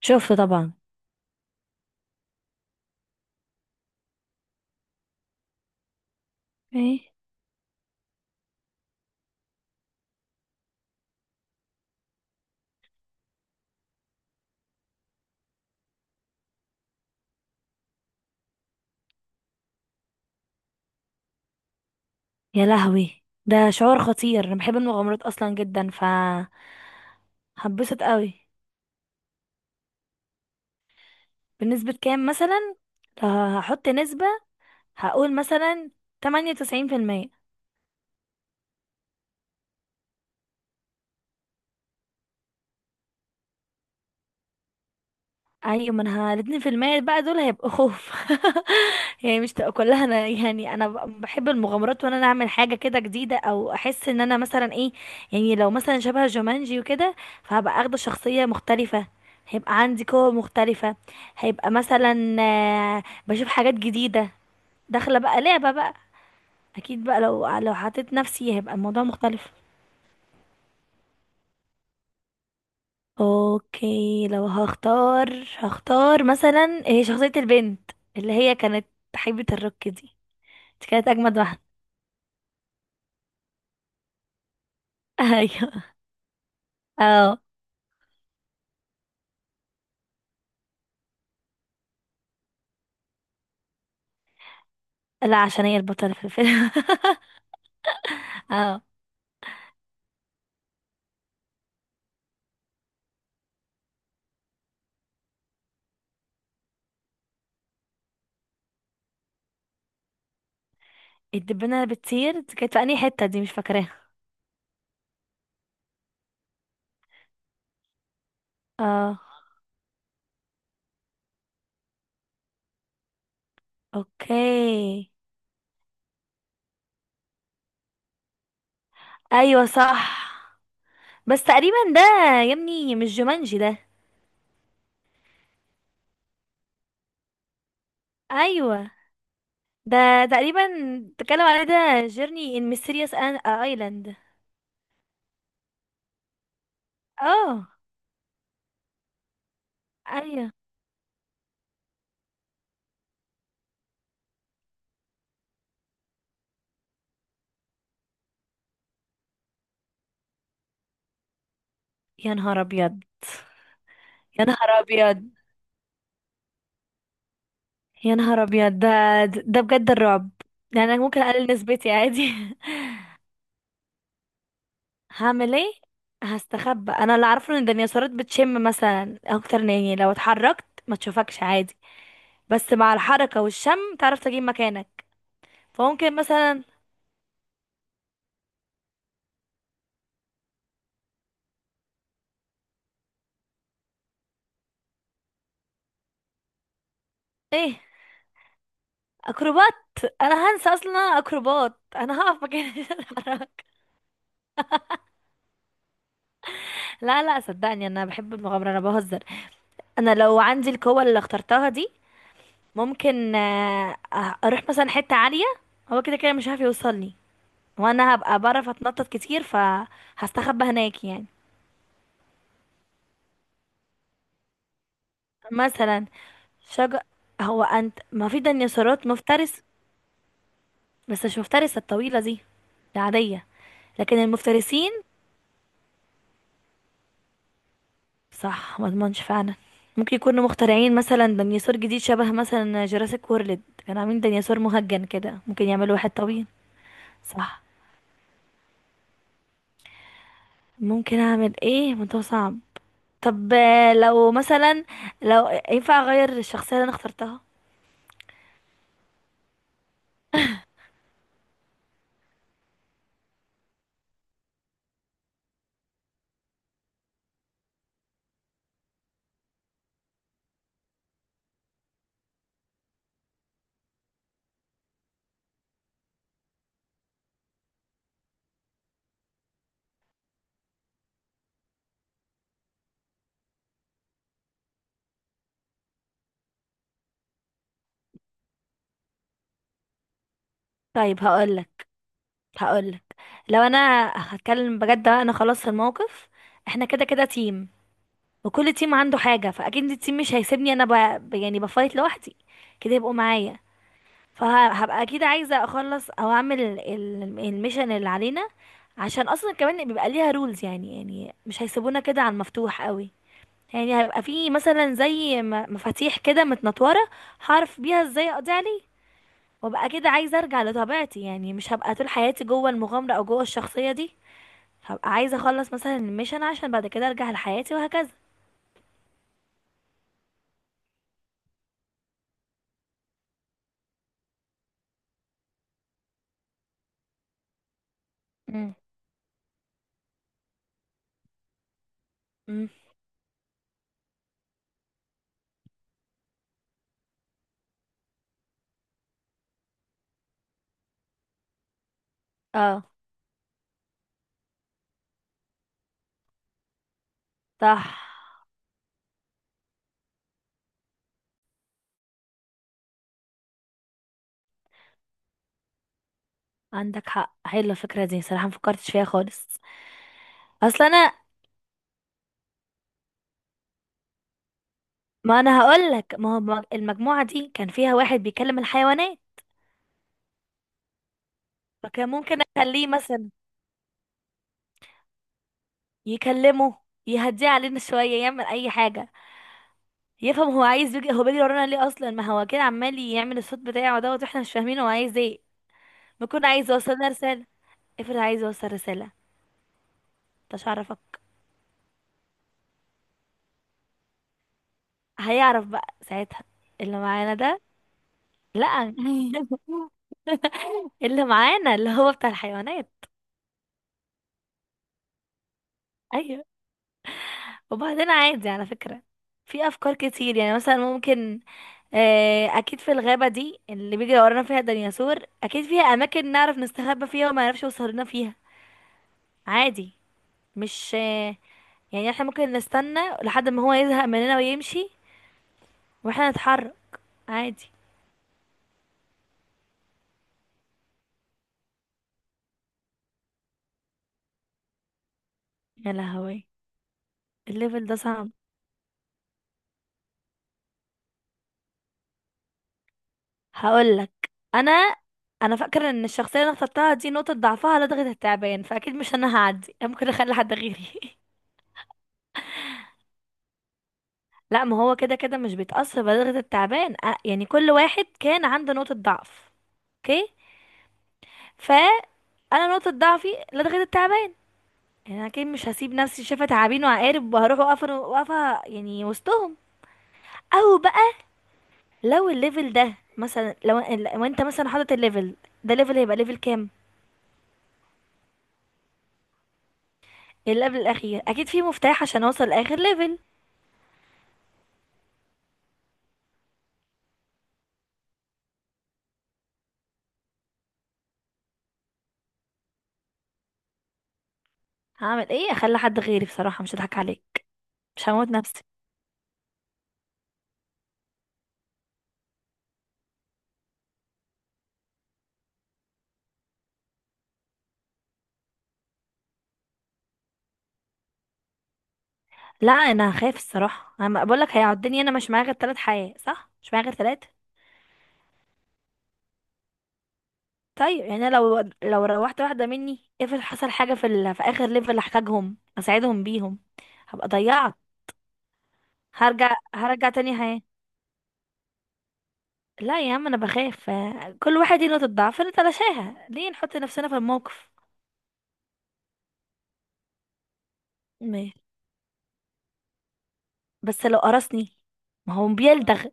شفته طبعا. ايه. يا لهوي، ده شعور خطير، انا بحب المغامرات اصلا جدا فهتبسط قوي. بنسبة كام مثلا؟ لو هحط نسبة هقول مثلا 98%. ايوه، ما انا الاتنين في المية بقى دول هيبقوا خوف. يعني مش تبقى كلها انا، يعني انا بحب المغامرات، وانا اعمل حاجه كده جديده او احس ان انا مثلا ايه. يعني لو مثلا شبه جومانجي وكده، فهبقى اخده شخصيه مختلفه، هيبقى عندي قوة مختلفة، هيبقى مثلا بشوف حاجات جديدة، داخلة بقى لعبة بقى. أكيد بقى، لو حطيت نفسي هيبقى الموضوع مختلف. اوكي، لو هختار مثلا شخصية البنت اللي هي كانت حبيبة الروك دي. دي كانت اجمد واحدة. ايوه. اه. لا، عشان هي البطلة في الفيلم. اه. الدبانة اللي بتطير دي كانت في انهي حتة؟ دي مش فاكراها. اه. اوكي. ايوه صح. بس تقريبا ده، يا ابني، مش جومانجي ده. ايوه، ده تقريبا اتكلم عليه، ده جيرني ان ميستيريوس ايلاند. اه. ايوه. يا نهار ابيض، يا نهار ابيض، يا نهار ابيض ده بجد الرعب. يعني انا ممكن اقلل نسبتي عادي. هعمل ايه؟ هستخبى. انا اللي اعرفه ان الديناصورات بتشم مثلا اكتر من، يعني لو اتحركت ما تشوفكش عادي، بس مع الحركه والشم تعرف تجيب مكانك. فممكن مثلا. ايه، اكروبات؟ انا هنسى اصلا إن انا اكروبات، انا هقف مكاني عشان اتحرك. لا لا، صدقني انا بحب المغامره، انا بهزر. انا لو عندي القوه اللي اخترتها دي، ممكن اروح مثلا حتة عالية، هو كده كده مش هيعرف يوصلني، وانا هبقى بعرف اتنطط كتير فهستخبى هناك يعني. مثلا شجر. هو انت ما في ديناصورات مفترس؟ بس مش مفترسة الطويلة دي، العادية، لكن المفترسين. صح، ما اضمنش فعلا. ممكن يكونوا مخترعين مثلا ديناصور جديد، شبه مثلا جوراسيك وورلد كانوا عاملين ديناصور مهجن كده، ممكن يعملوا واحد طويل. صح. ممكن اعمل ايه؟ ما ده صعب. طب لو مثلا، لو ينفع اغير الشخصية اللي انا اخترتها. طيب هقولك. لو انا هتكلم بجد بقى، انا خلاص في الموقف، احنا كده كده تيم، وكل تيم عنده حاجة، فاكيد التيم مش هيسيبني انا يعني بفايت لوحدي كده يبقوا معايا. فهبقى اكيد عايزة اخلص او اعمل الميشن اللي علينا. عشان اصلا كمان بيبقى ليها رولز، يعني مش هيسيبونا كده على المفتوح قوي. يعني هيبقى في مثلا زي مفاتيح كده متنطوره، هعرف بيها ازاي اقضي عليه. وابقى كده عايزه ارجع لطبيعتي، يعني مش هبقى طول حياتي جوه المغامره او جوه الشخصيه دي. هبقى عايزه اخلص مثلا الميشن عشان بعد كده ارجع لحياتي وهكذا. مم. مم. اه. صح، عندك حق، حلوه الفكره دي صراحه، مفكرتش فيها خالص. اصل انا، ما انا هقول لك، ما هو المجموعه دي كان فيها واحد بيكلم الحيوانات، فكان ممكن اخليه مثلا يكلمه، يهديه علينا شويه، يعمل اي حاجه، يفهم هو عايز يجي، هو بيجري ورانا ليه اصلا؟ ما هو كده عمال يعمل الصوت بتاعه دوت واحنا مش فاهمين هو عايز ايه. بيكون عايز يوصلنا رساله. افرض عايز يوصل رساله، مش عارفك. هيعرف بقى ساعتها، اللي معانا ده. لا. اللي معانا، اللي هو بتاع الحيوانات. ايوه. وبعدين عادي على فكره، في افكار كتير يعني، مثلا ممكن اكيد في الغابه دي اللي بيجري ورانا فيها الديناصور، اكيد فيها اماكن نعرف نستخبى فيها وما يعرفش يوصل لنا فيها عادي. مش يعني احنا ممكن نستنى لحد ما هو يزهق مننا ويمشي واحنا نتحرك عادي. يا لهوي، الليفل ده صعب. هقولك. انا انا فاكره ان الشخصيه اللي انا اخترتها دي نقطه ضعفها لدغه التعبان، فاكيد مش انا هعدي، أنا ممكن اخلي حد غيري. لا، ما هو كده كده مش بيتاثر بلدغه التعبان، يعني كل واحد كان عنده نقطه ضعف. اوكي. ف انا نقطه ضعفي لدغه التعبان، يعني انا اكيد مش هسيب نفسي شايفه تعابين وعقارب وهروح واقفه يعني وسطهم. او بقى لو الليفل ده مثلا لو انت مثلا حاطط الليفل ده، ليفل هيبقى ليفل كام؟ اللي قبل الاخير اكيد في مفتاح عشان اوصل لاخر ليفل. هعمل ايه؟ اخلي حد غيري بصراحه، مش هضحك عليك. مش هموت نفسي. لا، انا هخاف الصراحه، انا بقول لك هيعدني. انا مش معايا غير ثلاث حياه صح؟ مش معايا غير ثلاثه. طيب يعني أنا لو روحت واحده مني، افرض حصل حاجه في اخر ليفل احتاجهم اساعدهم بيهم، هبقى ضيعت. هرجع تاني حياه. لا يا عم، انا بخاف كل واحد ليه نقطة ضعف، نتلاشاها، ليه نحط نفسنا في الموقف. ما- بس لو قرصني. ما هو بيلدغ.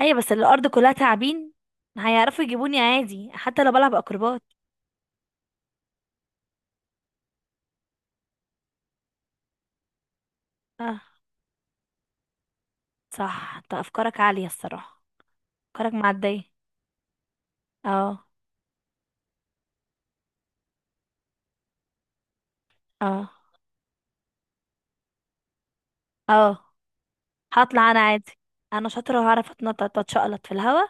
ايوه بس الارض كلها تعابين، هيعرفوا يجيبوني عادي حتى لو بلعب اكروبات. اه. صح، انت افكارك عالية الصراحة، افكارك معدية. اه. اه. اه. هطلع انا عادي. انا شاطرة وهعرف اتنطط واتشقلط في الهوا،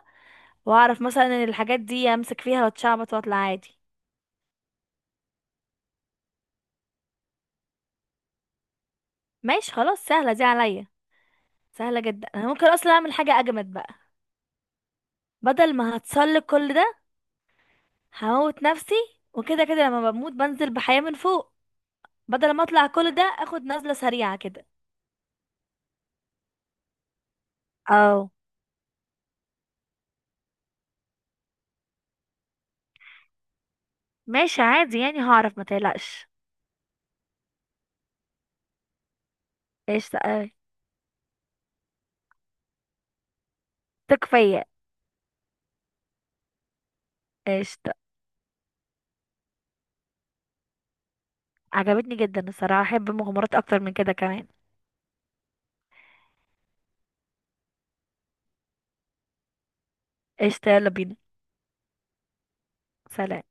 واعرف مثلا ان الحاجات دي امسك فيها واتشعبط واطلع عادي. ماشي، خلاص سهلة دي عليا. سهلة جدا، انا ممكن اصلا اعمل حاجة اجمد بقى. بدل ما هتسلق كل ده، هموت نفسي، وكده كده لما بموت بنزل بحياة من فوق. بدل ما اطلع كل ده اخد نزلة سريعة كده. اه. ماشي عادي يعني، هعرف ما تقلقش. قشطة اوي. ثق فيا. قشطة. عجبتني جدا الصراحة، احب مغامرات اكتر من كده كمان. قشطة، يلا بينا. سلام.